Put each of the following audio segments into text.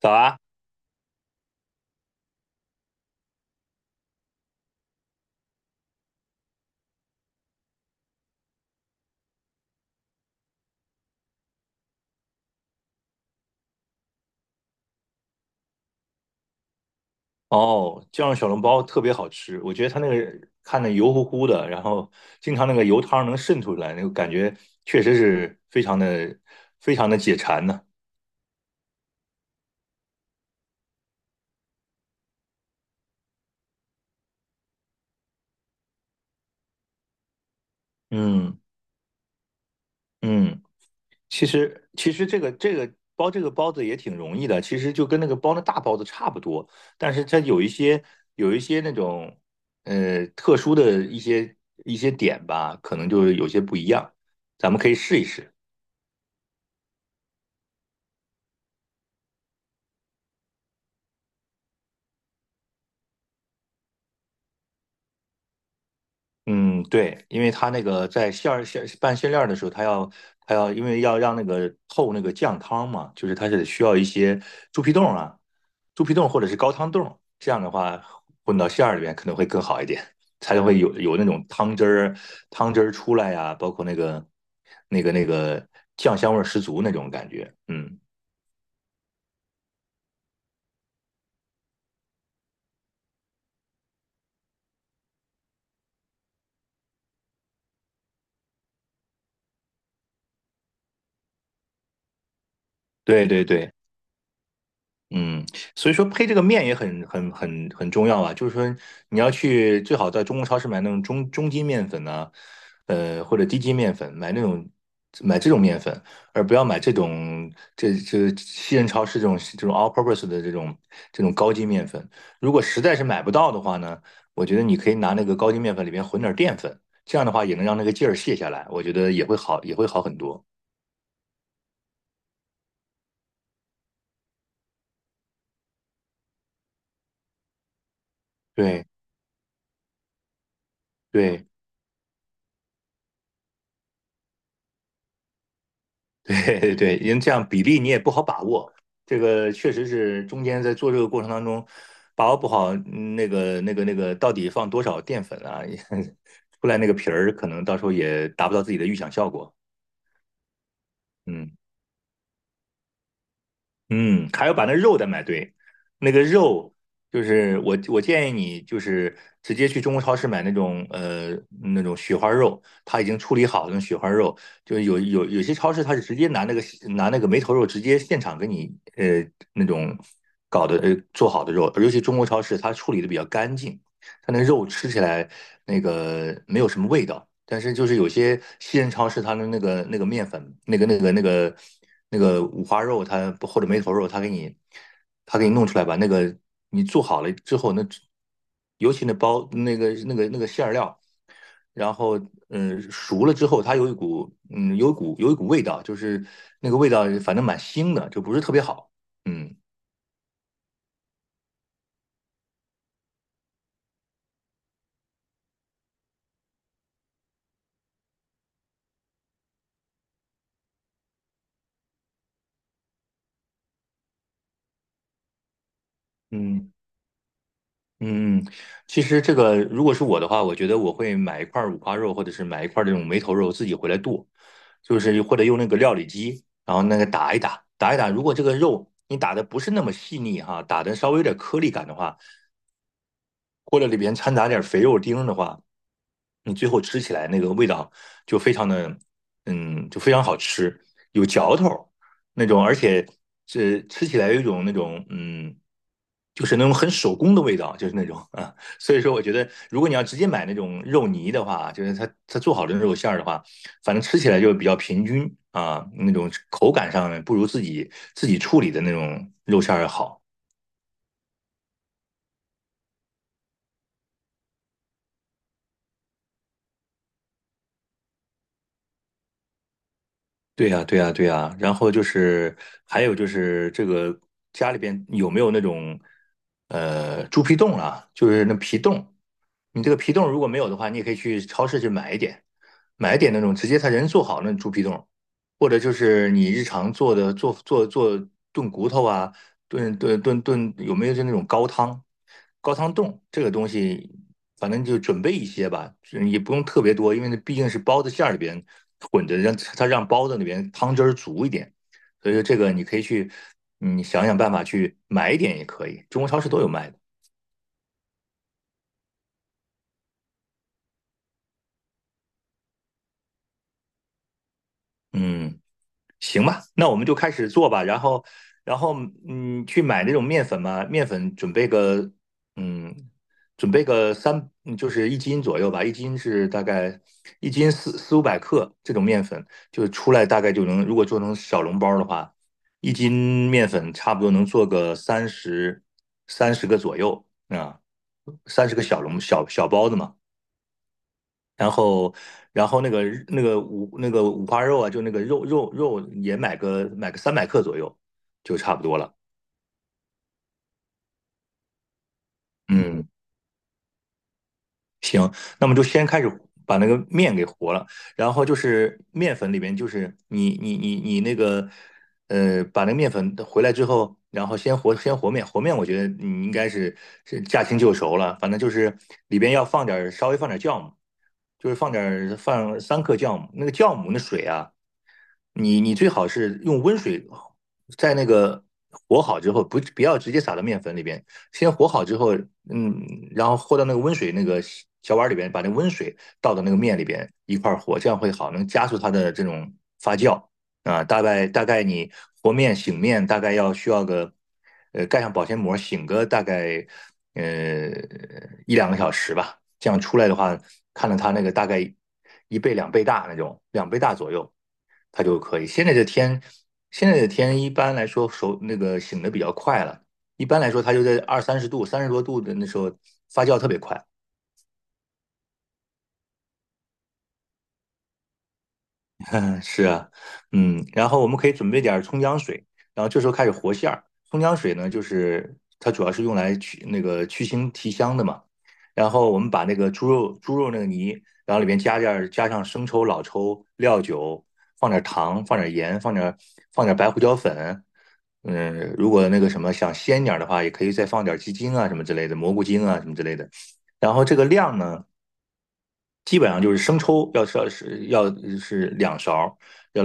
早啊！哦，酱肉小笼包特别好吃，我觉得它那个看着油乎乎的，然后经常那个油汤能渗出来，那个感觉确实是非常的、非常的解馋呢、嗯嗯，其实这个这个包这个包子也挺容易的。其实就跟那个包那大包子差不多，但是它有一些那种特殊的一些点吧，可能就是有些不一样，咱们可以试一试。嗯，对，因为他那个在馅儿馅拌馅料儿的时候，他要因为要让那个透那个酱汤嘛，就是他是需要一些猪皮冻啊、猪皮冻或者是高汤冻。这样的话混到馅儿里面可能会更好一点，才会有那种汤汁儿出来呀、包括那个酱香味儿十足那种感觉。嗯，对对对。嗯，所以说配这个面也很重要啊，就是说你要去最好在中国超市买那种中筋面粉呢、或者低筋面粉，买这种面粉，而不要买这种这西人超市这种 all purpose 的这种高筋面粉。如果实在是买不到的话呢，我觉得你可以拿那个高筋面粉里边混点淀粉，这样的话也能让那个劲儿卸下来，我觉得也会好很多。对对。对 对，因为这样比例你也不好把握，这个确实是中间在做这个过程当中把握不好。嗯，那个到底放多少淀粉啊，也 出来那个皮儿可能到时候也达不到自己的预想效果。嗯。嗯，还要把那肉得买对。那个肉就是我建议你就是直接去中国超市买那种那种雪花肉，它已经处理好的那种雪花肉，就是有些超市它是直接拿那个梅头肉直接现场给你那种搞的做好的肉。尤其中国超市它处理的比较干净，它那肉吃起来那个没有什么味道。但是就是有些西人超市它的面粉，那个五花肉它，或者梅头肉，它给你弄出来吧，那个你做好了之后，那尤其那包那个馅儿料，然后嗯熟了之后，它有一股有一股味道，就是那个味道反正蛮腥的，就不是特别好，嗯。嗯，嗯，其实这个如果是我的话，我觉得我会买一块儿五花肉，或者是买一块儿这种梅头肉，自己回来剁，就是或者用那个料理机，然后那个打一打，打一打。如果这个肉你打的不是那么细腻哈，打的稍微有点颗粒感的话，或者里边掺杂点肥肉丁儿的话，你最后吃起来那个味道就非常的，嗯，就非常好吃，有嚼头那种，而且是吃起来有一种那种，嗯，就是那种很手工的味道，就是那种啊。所以说，我觉得如果你要直接买那种肉泥的话，就是它做好的肉馅儿的话，反正吃起来就比较平均啊，那种口感上呢不如自己处理的那种肉馅儿要好。对呀，对呀，对呀。然后就是还有就是这个家里边有没有那种猪皮冻啊，就是那皮冻。你这个皮冻如果没有的话，你也可以去超市去买一点，买一点那种直接他人做好那种猪皮冻。或者就是你日常做的做炖骨头啊，炖，有没有就那种高汤冻这个东西，反正就准备一些吧，也不用特别多，因为那毕竟是包子馅儿里边混着，让它让包子里边汤汁儿足一点。所以说这个你可以去，嗯，想想办法去买一点也可以，中国超市都有卖的，嗯。行吧，那我们就开始做吧。然后，然后，嗯，去买那种面粉嘛，面粉准备个，嗯，准备个就是一斤左右吧。一斤是大概一斤四五百克这种面粉，就出来大概就能，如果做成小笼包的话，一斤面粉差不多能做个三十个左右啊，三十个小笼小小包子嘛。然后，然后那个那个五那个五花肉啊，就那个肉也买个300克左右，就差不多了。嗯，那么就先开始把那个面给和了。然后就是面粉里边就是你那个把那个面粉回来之后，然后先和面。和面我觉得你应该是是驾轻就熟了，反正就是里边要放点儿稍微放点儿酵母，就是放点儿放3克酵母，那个酵母那水啊。你最好是用温水在那个和好之后，不要直接撒到面粉里边，先和好之后，嗯，然后和到那个温水那个小碗里边，把那温水倒到那个面里边一块儿和，这样会好，能加速它的这种发酵啊。大概你和面醒面大概要需要个，呃，盖上保鲜膜醒个大概呃一两个小时吧。这样出来的话，看到它那个大概一倍两倍大那种，两倍大左右。它就可以。现在的天一般来说手那个醒的比较快了，一般来说它就在二三十度、30多度的那时候发酵特别快。嗯，是啊，嗯，然后我们可以准备点儿葱姜水，然后这时候开始和馅儿。葱姜水呢，就是它主要是用来去那个去腥提香的嘛。然后我们把那个猪肉那个泥，然后里面加点儿加上生抽、老抽、料酒，放点儿糖，放点儿盐，放点儿白胡椒粉。嗯，如果那个什么想鲜点儿的话，也可以再放点儿鸡精啊什么之类的，蘑菇精啊什么之类的。然后这个量呢？基本上就是生抽要是2勺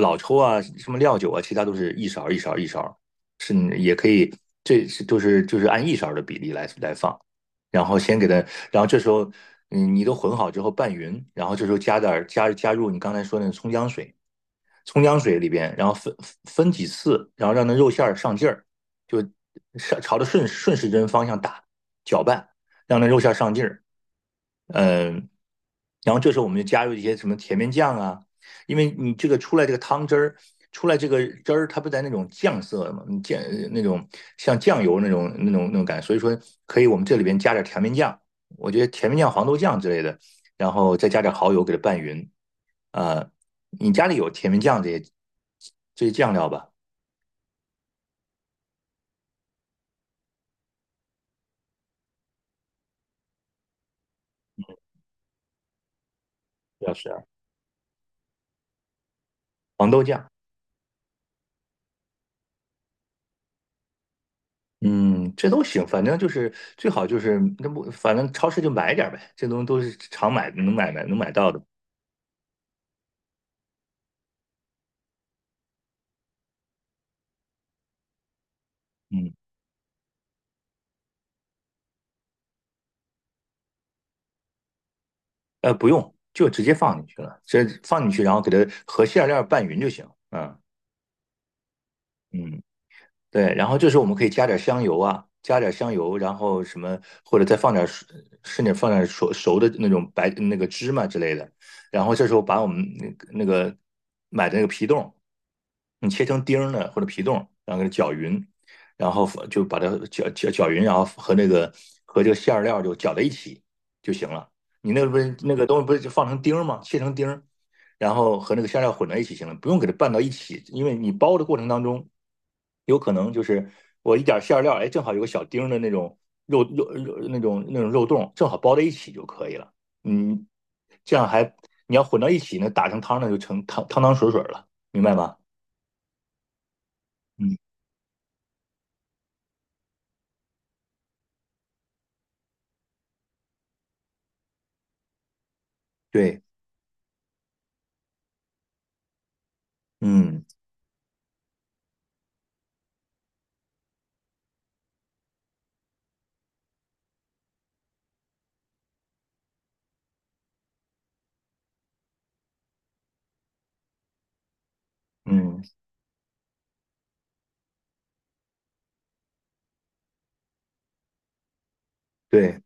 老抽啊、什么料酒啊，其他都是一勺是也可以。这是就是按一勺的比例来放。然后先给它，然后这时候嗯你都混好之后拌匀，然后这时候加点儿加加入你刚才说的那个葱姜水，葱姜水里边，然后分几次，然后让那肉馅儿上劲儿，就上朝着顺时针方向打搅拌，让那肉馅儿上劲儿，嗯。然后这时候我们就加入一些什么甜面酱啊，因为你这个出来这个汤汁儿，出来这个汁儿，它不在那种酱色嘛，酱那种像酱油那种感觉，所以说可以我们这里边加点甜面酱。我觉得甜面酱、黄豆酱之类的，然后再加点蚝油给它拌匀。呃，你家里有甜面酱这些酱料吧？要是黄豆酱，嗯，这都行，反正就是最好就是那不，反正超市就买点儿呗，这东西都是常买能买到的，嗯。不用，就直接放进去了，直接放进去，然后给它和馅料拌匀就行。嗯嗯。对，然后这时候我们可以加点香油啊，加点香油，然后什么，或者再放点熟，甚至放点熟熟的那种白那个芝麻之类的。然后这时候把我们那个买的那个皮冻，你切成丁儿呢或者皮冻，然后给它搅匀，然后就把它搅匀，然后和那个和这个馅儿料就搅在一起就行了。你那个不是那个东西不是就放成丁儿吗？切成丁儿，然后和那个馅料混在一起行了，不用给它拌到一起，因为你包的过程当中，有可能就是我一点馅料，哎，正好有个小丁的那种肉那种肉冻，正好包在一起就可以了。嗯，这样还你要混到一起呢，打成汤呢就成汤汤水水了，明白吗？嗯，对，嗯嗯，对。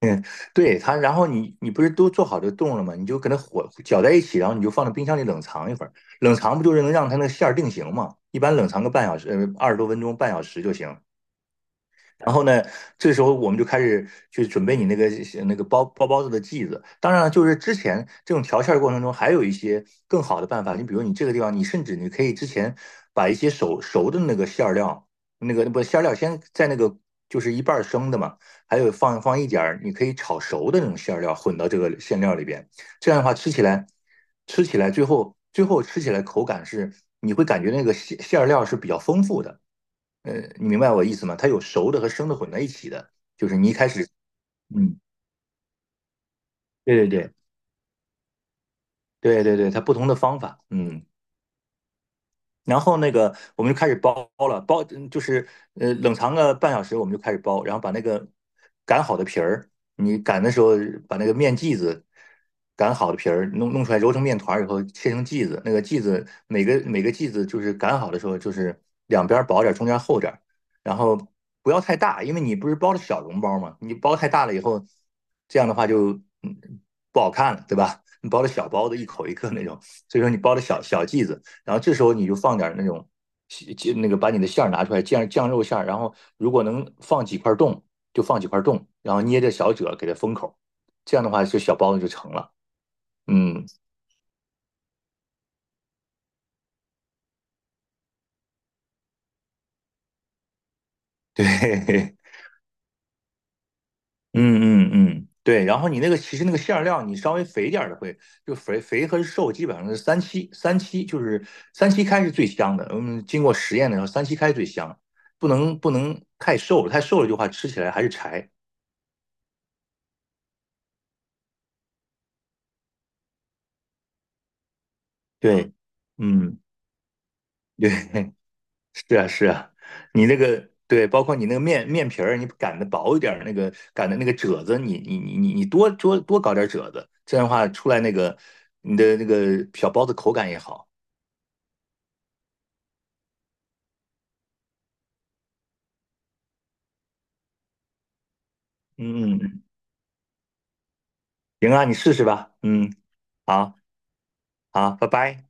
嗯，对它，然后你不是都做好这个冻了吗？你就给它火搅在一起，然后你就放到冰箱里冷藏一会儿。冷藏不就是能让它那个馅儿定型吗？一般冷藏个半小时，二十多分钟，半小时就行。然后呢，这时候我们就开始去准备你那个那个包包子的剂子。当然了，就是之前这种调馅儿过程中，还有一些更好的办法。你比如你这个地方，你甚至你可以之前把一些熟熟的那个馅儿料，那个不馅儿料先在那个就是一半儿生的嘛，还有放一点儿，你可以炒熟的那种馅儿料混到这个馅料里边。这样的话，吃起来最后吃起来口感是你会感觉那个馅儿料是比较丰富的。呃，你明白我意思吗？它有熟的和生的混在一起的，就是你一开始，嗯，对对对对对对，它不同的方法，嗯。然后那个我们就开始包了，包嗯就是冷藏个半小时，我们就开始包，然后把那个擀好的皮儿，你擀的时候把那个面剂子擀好的皮儿弄出来，揉成面团儿以后切成剂子，那个剂子每个剂子就是擀好的时候就是两边薄点儿，中间厚点儿，然后不要太大，因为你不是包的小笼包嘛，你包太大了以后，这样的话就嗯不好看了，对吧？你包的小包子一口一个那种，所以说你包的小小剂子。然后这时候你就放点那种就那个把你的馅儿拿出来，酱肉馅儿，然后如果能放几块冻就放几块冻，然后捏着小褶给它封口，这样的话就小包子就成了。嗯，对，嗯嗯嗯，对。然后你那个其实那个馅儿料，你稍微肥点儿的会就肥和瘦基本上是三七，就是三七开是最香的。嗯，经过实验的时候，三七开最香，不能太瘦了，太瘦了就话吃起来还是柴。对，嗯，对。是啊，是啊，你那个对，包括你那个面皮儿，你擀的薄一点儿，那个擀的那个褶子，你多搞点褶子，这样的话出来那个你的那个小包子口感也好。嗯嗯，嗯行啊，你试试吧。嗯，好，好，拜拜。